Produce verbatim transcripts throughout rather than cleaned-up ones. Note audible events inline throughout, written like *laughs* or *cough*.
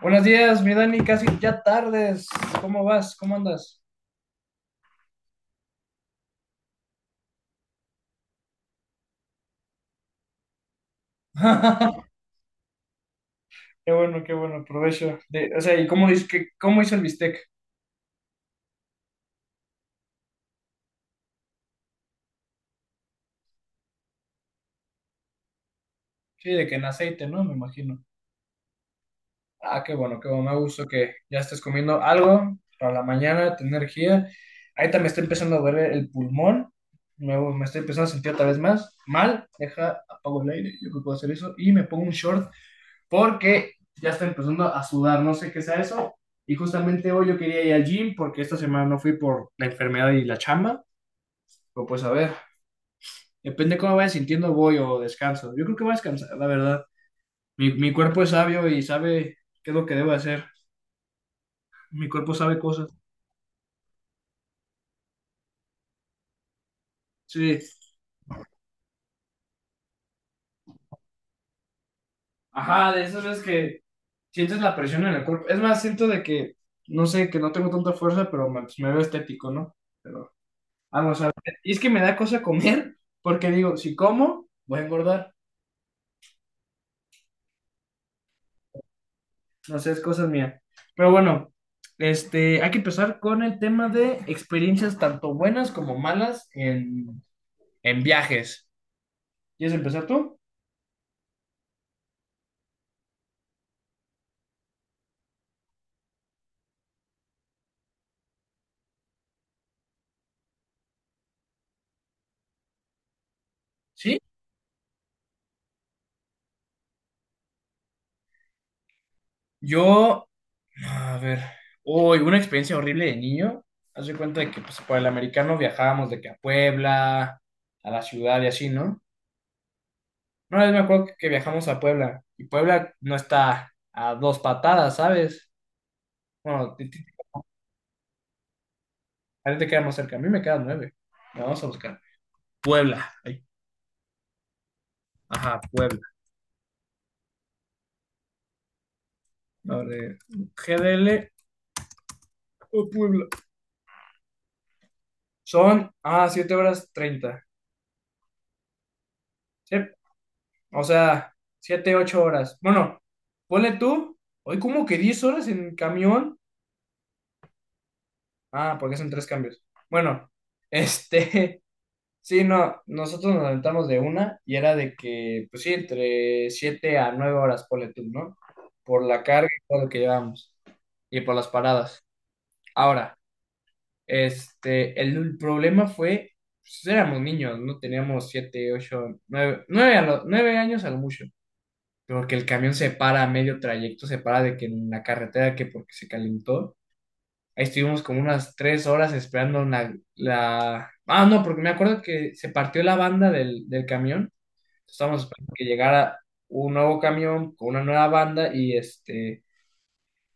Buenos días, mi Dani, casi ya tardes. ¿Cómo vas? ¿Cómo andas? *laughs* Qué bueno, qué bueno, provecho. De- o sea, ¿y cómo, dices que, cómo hizo el bistec? Sí, de que en aceite, ¿no? Me imagino. Ah, qué bueno, qué bueno. Me da gusto que ya estés comiendo algo para la mañana, tener energía. Ahorita me está empezando a doler el pulmón. Me, me estoy empezando a sentir otra vez más mal. Deja, apago el aire. Yo creo que puedo hacer eso. Y me pongo un short porque ya está empezando a sudar, no sé qué sea eso. Y justamente hoy yo quería ir al gym porque esta semana no fui por la enfermedad y la chamba. Pero pues a ver, depende de cómo vaya sintiendo, voy o descanso. Yo creo que voy a descansar, la verdad. Mi, mi cuerpo es sabio y sabe qué es lo que debo hacer. Mi cuerpo sabe cosas. Sí. Ajá, de esas veces que sientes la presión en el cuerpo. Es más, siento de que, no sé, que no tengo tanta fuerza, pero me, pues, me veo estético, ¿no? Pero vamos a ver. Y es que me da cosa comer porque digo, si como, voy a engordar. No sé, es cosa mía. Pero bueno, este, hay que empezar con el tema de experiencias tanto buenas como malas en, en viajes. ¿Quieres empezar tú? ¿Sí? Yo, a ver, hoy una experiencia horrible de niño. Haz de cuenta de que pues, por el americano viajábamos de que a Puebla, a la ciudad y así, ¿no? Una vez me acuerdo que, que viajamos a Puebla y Puebla no está a dos patadas, ¿sabes? Bueno, a ti te queda más cerca, a mí me queda nueve. La vamos a buscar. Puebla. Ay. Ajá, Puebla. A ver, G D L o Puebla. Son, ah, siete horas treinta. Sí, o sea, siete ocho horas. Bueno, ponle tú, hoy como que diez horas en camión. Ah, porque son tres cambios. Bueno, este, *laughs* sí, no, nosotros nos aventamos de una y era de que, pues sí, entre siete a nueve horas, ponle tú, ¿no? Por la carga y todo lo que llevamos y por las paradas. Ahora. Este, el, el problema fue, pues, éramos niños, no teníamos siete, ocho, nueve, nueve, a lo- nueve años a lo mucho, pero que el camión se para a medio trayecto, se para de que en la carretera, que porque se calentó, ahí estuvimos como unas tres horas esperando la, la... Ah, no, porque me acuerdo que se partió la banda del, del camión, estábamos esperando que llegara un nuevo camión con una nueva banda y este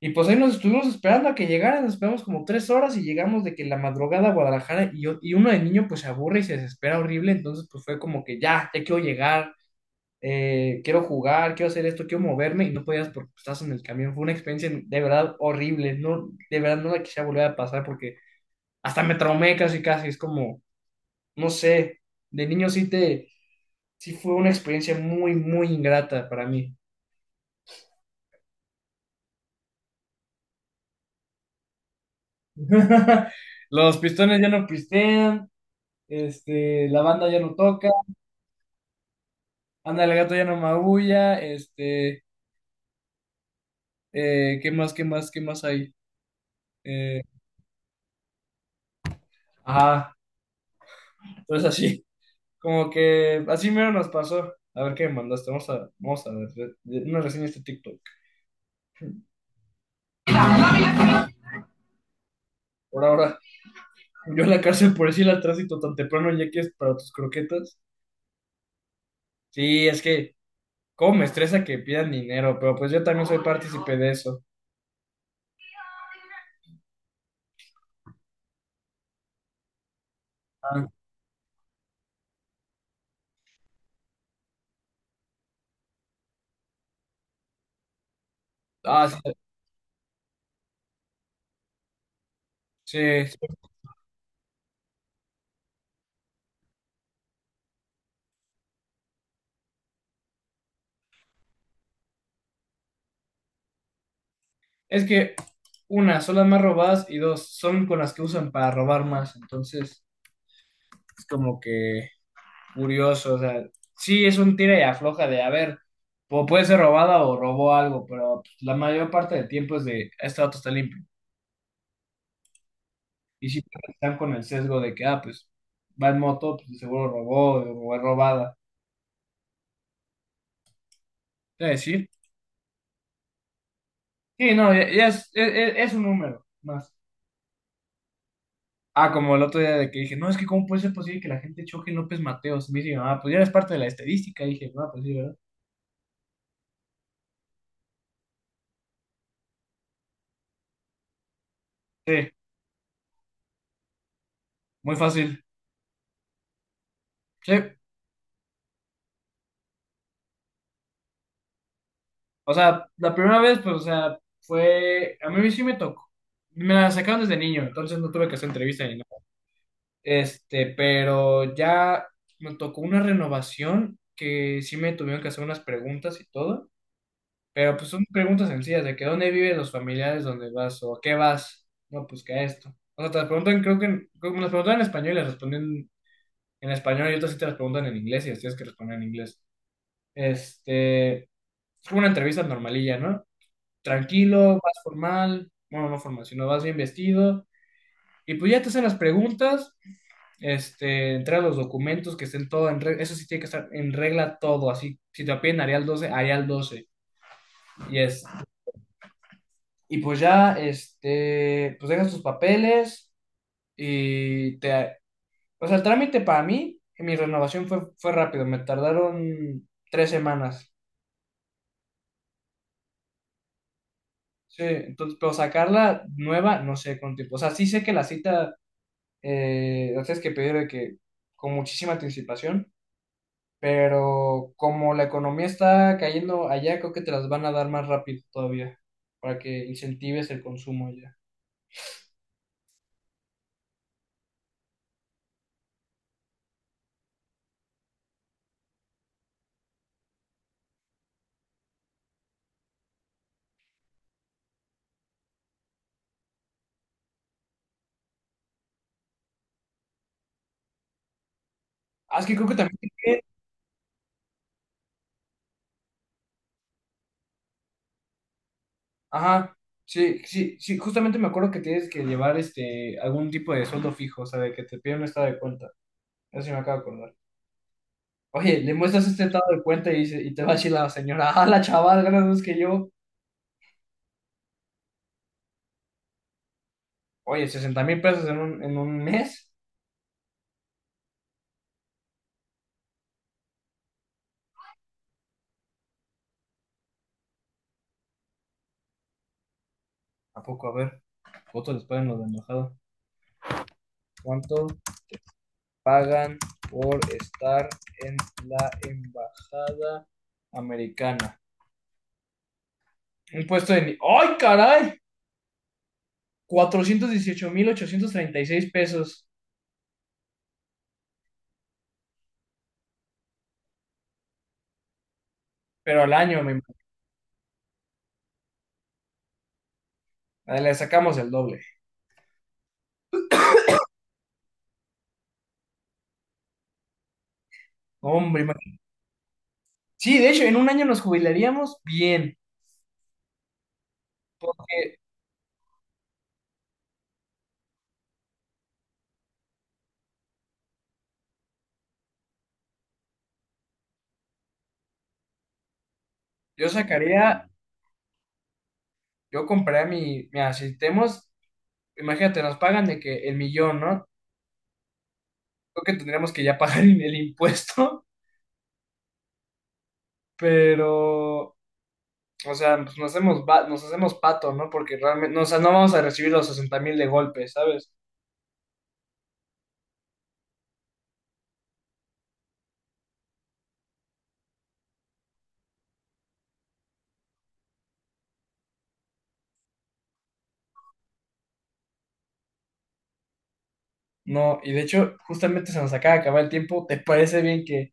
y pues ahí nos estuvimos esperando a que llegaran, nos esperamos como tres horas y llegamos de que la madrugada a Guadalajara y, yo- y uno de niño pues se aburre y se desespera horrible, entonces pues fue como que ya, ya quiero llegar, eh, quiero jugar, quiero hacer esto, quiero moverme y no podías porque estás en el camión. Fue una experiencia de verdad horrible, no, de verdad no la quisiera volver a pasar porque hasta me traumé casi casi, es como, no sé, de niño sí te, sí fue una experiencia muy, muy ingrata para mí. *laughs* Los pistones ya no pistean. Este, la banda ya no toca, anda el gato ya no maulla, este, eh, ¿qué más, qué más, qué más hay? Eh, ajá, entonces así, *laughs* como que así mero nos pasó. A ver qué me mandaste, vamos a, vamos a ver re- una reseña de este TikTok. Por ahora, *laughs* yo en la cárcel por decir al tránsito tan temprano ya que es para tus croquetas. Sí, es que, cómo me estresa que pidan dinero, pero pues yo también soy partícipe de eso. Ah, ah, sí, sí, es que, una, son las más robadas y dos, son con las que usan para robar más. Entonces, es como que curioso. O sea, sí es un tira y afloja de, a ver, o puede ser robada o robó algo, pero pues, la mayor parte del tiempo es de, este auto está limpio. Y si están con el sesgo de que, ah, pues, va en moto, pues seguro robó o es robada. Es decir, sí, no, ya- ya es, es, es- es un número más. Ah, como el otro día de que dije, no, es que cómo puede ser posible que la gente choque en López Mateos. Me dice, ah, pues ya eres parte de la estadística. Dije, no, pues sí, ¿verdad? Sí, muy fácil. Sí, o sea, la primera vez, pues, o sea, fue, a mí sí me tocó. Me la sacaron desde niño, entonces no tuve que hacer entrevista ni nada. Este, pero ya me tocó una renovación que sí me tuvieron que hacer unas preguntas y todo. Pero pues son preguntas sencillas de que dónde viven los familiares, donde vas o a qué vas. No, pues que a esto. O sea, te las preguntan, creo que en- creo que me las preguntan en español y las responden en español y otras sí te las preguntan en inglés y las tienes que responder en inglés. Este, es como una entrevista normalilla, ¿no? Tranquilo, vas formal, bueno, no formal, sino vas bien vestido y pues ya te hacen las preguntas, este, entrega los documentos que estén todo en regla, eso sí tiene que estar en regla todo, así. Si te piden Arial doce, Arial doce Y es Y pues ya, este, pues dejas tus papeles y te... O sea, el trámite para mí, mi renovación fue, fue rápido, me tardaron tres semanas. Sí, entonces, pero sacarla nueva, no sé cuánto tiempo. O sea, sí sé que la cita, eh, la tienes que pedir de que con muchísima anticipación, pero como la economía está cayendo allá, creo que te las van a dar más rápido todavía, para que incentives el consumo allá. Ah, es que creo que también. Ajá, sí, sí, sí, justamente me acuerdo que tienes que llevar este algún tipo de sueldo fijo, o sea, de que te piden un estado de cuenta. Eso sí me acabo de acordar. Oye, le muestras este estado de cuenta y, dice- y te va a decir la señora, ah, la chaval, ganas más que yo. Oye, sesenta mil pesos en un, en un mes. ¿A poco? A ver, ¿cuánto les pagan los de embajada? ¿Cuánto pagan por estar en la embajada americana? Un puesto de... ni- ¡Ay, caray! Cuatrocientos dieciocho mil ochocientos treinta y seis pesos. Pero al año me le sacamos el doble. Hombre, imagínate. Sí, de hecho, en un año nos jubilaríamos bien. Eh, Yo sacaría, yo compraría mi, mira, si tenemos, imagínate, nos pagan de que el millón, ¿no? Creo que tendríamos que ya pagar *laughs* el impuesto, pero, o sea, pues nos hacemos, va- nos hacemos pato, ¿no? Porque realmente, no, o sea, no vamos a recibir los sesenta mil de golpe, ¿sabes? No, y de hecho, justamente se nos acaba de acabar el tiempo. ¿Te parece bien que,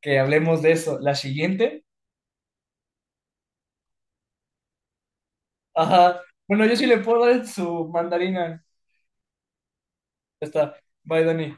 que hablemos de eso la siguiente? Ajá. Bueno, yo sí le puedo dar su mandarina. Ya está. Bye, Dani.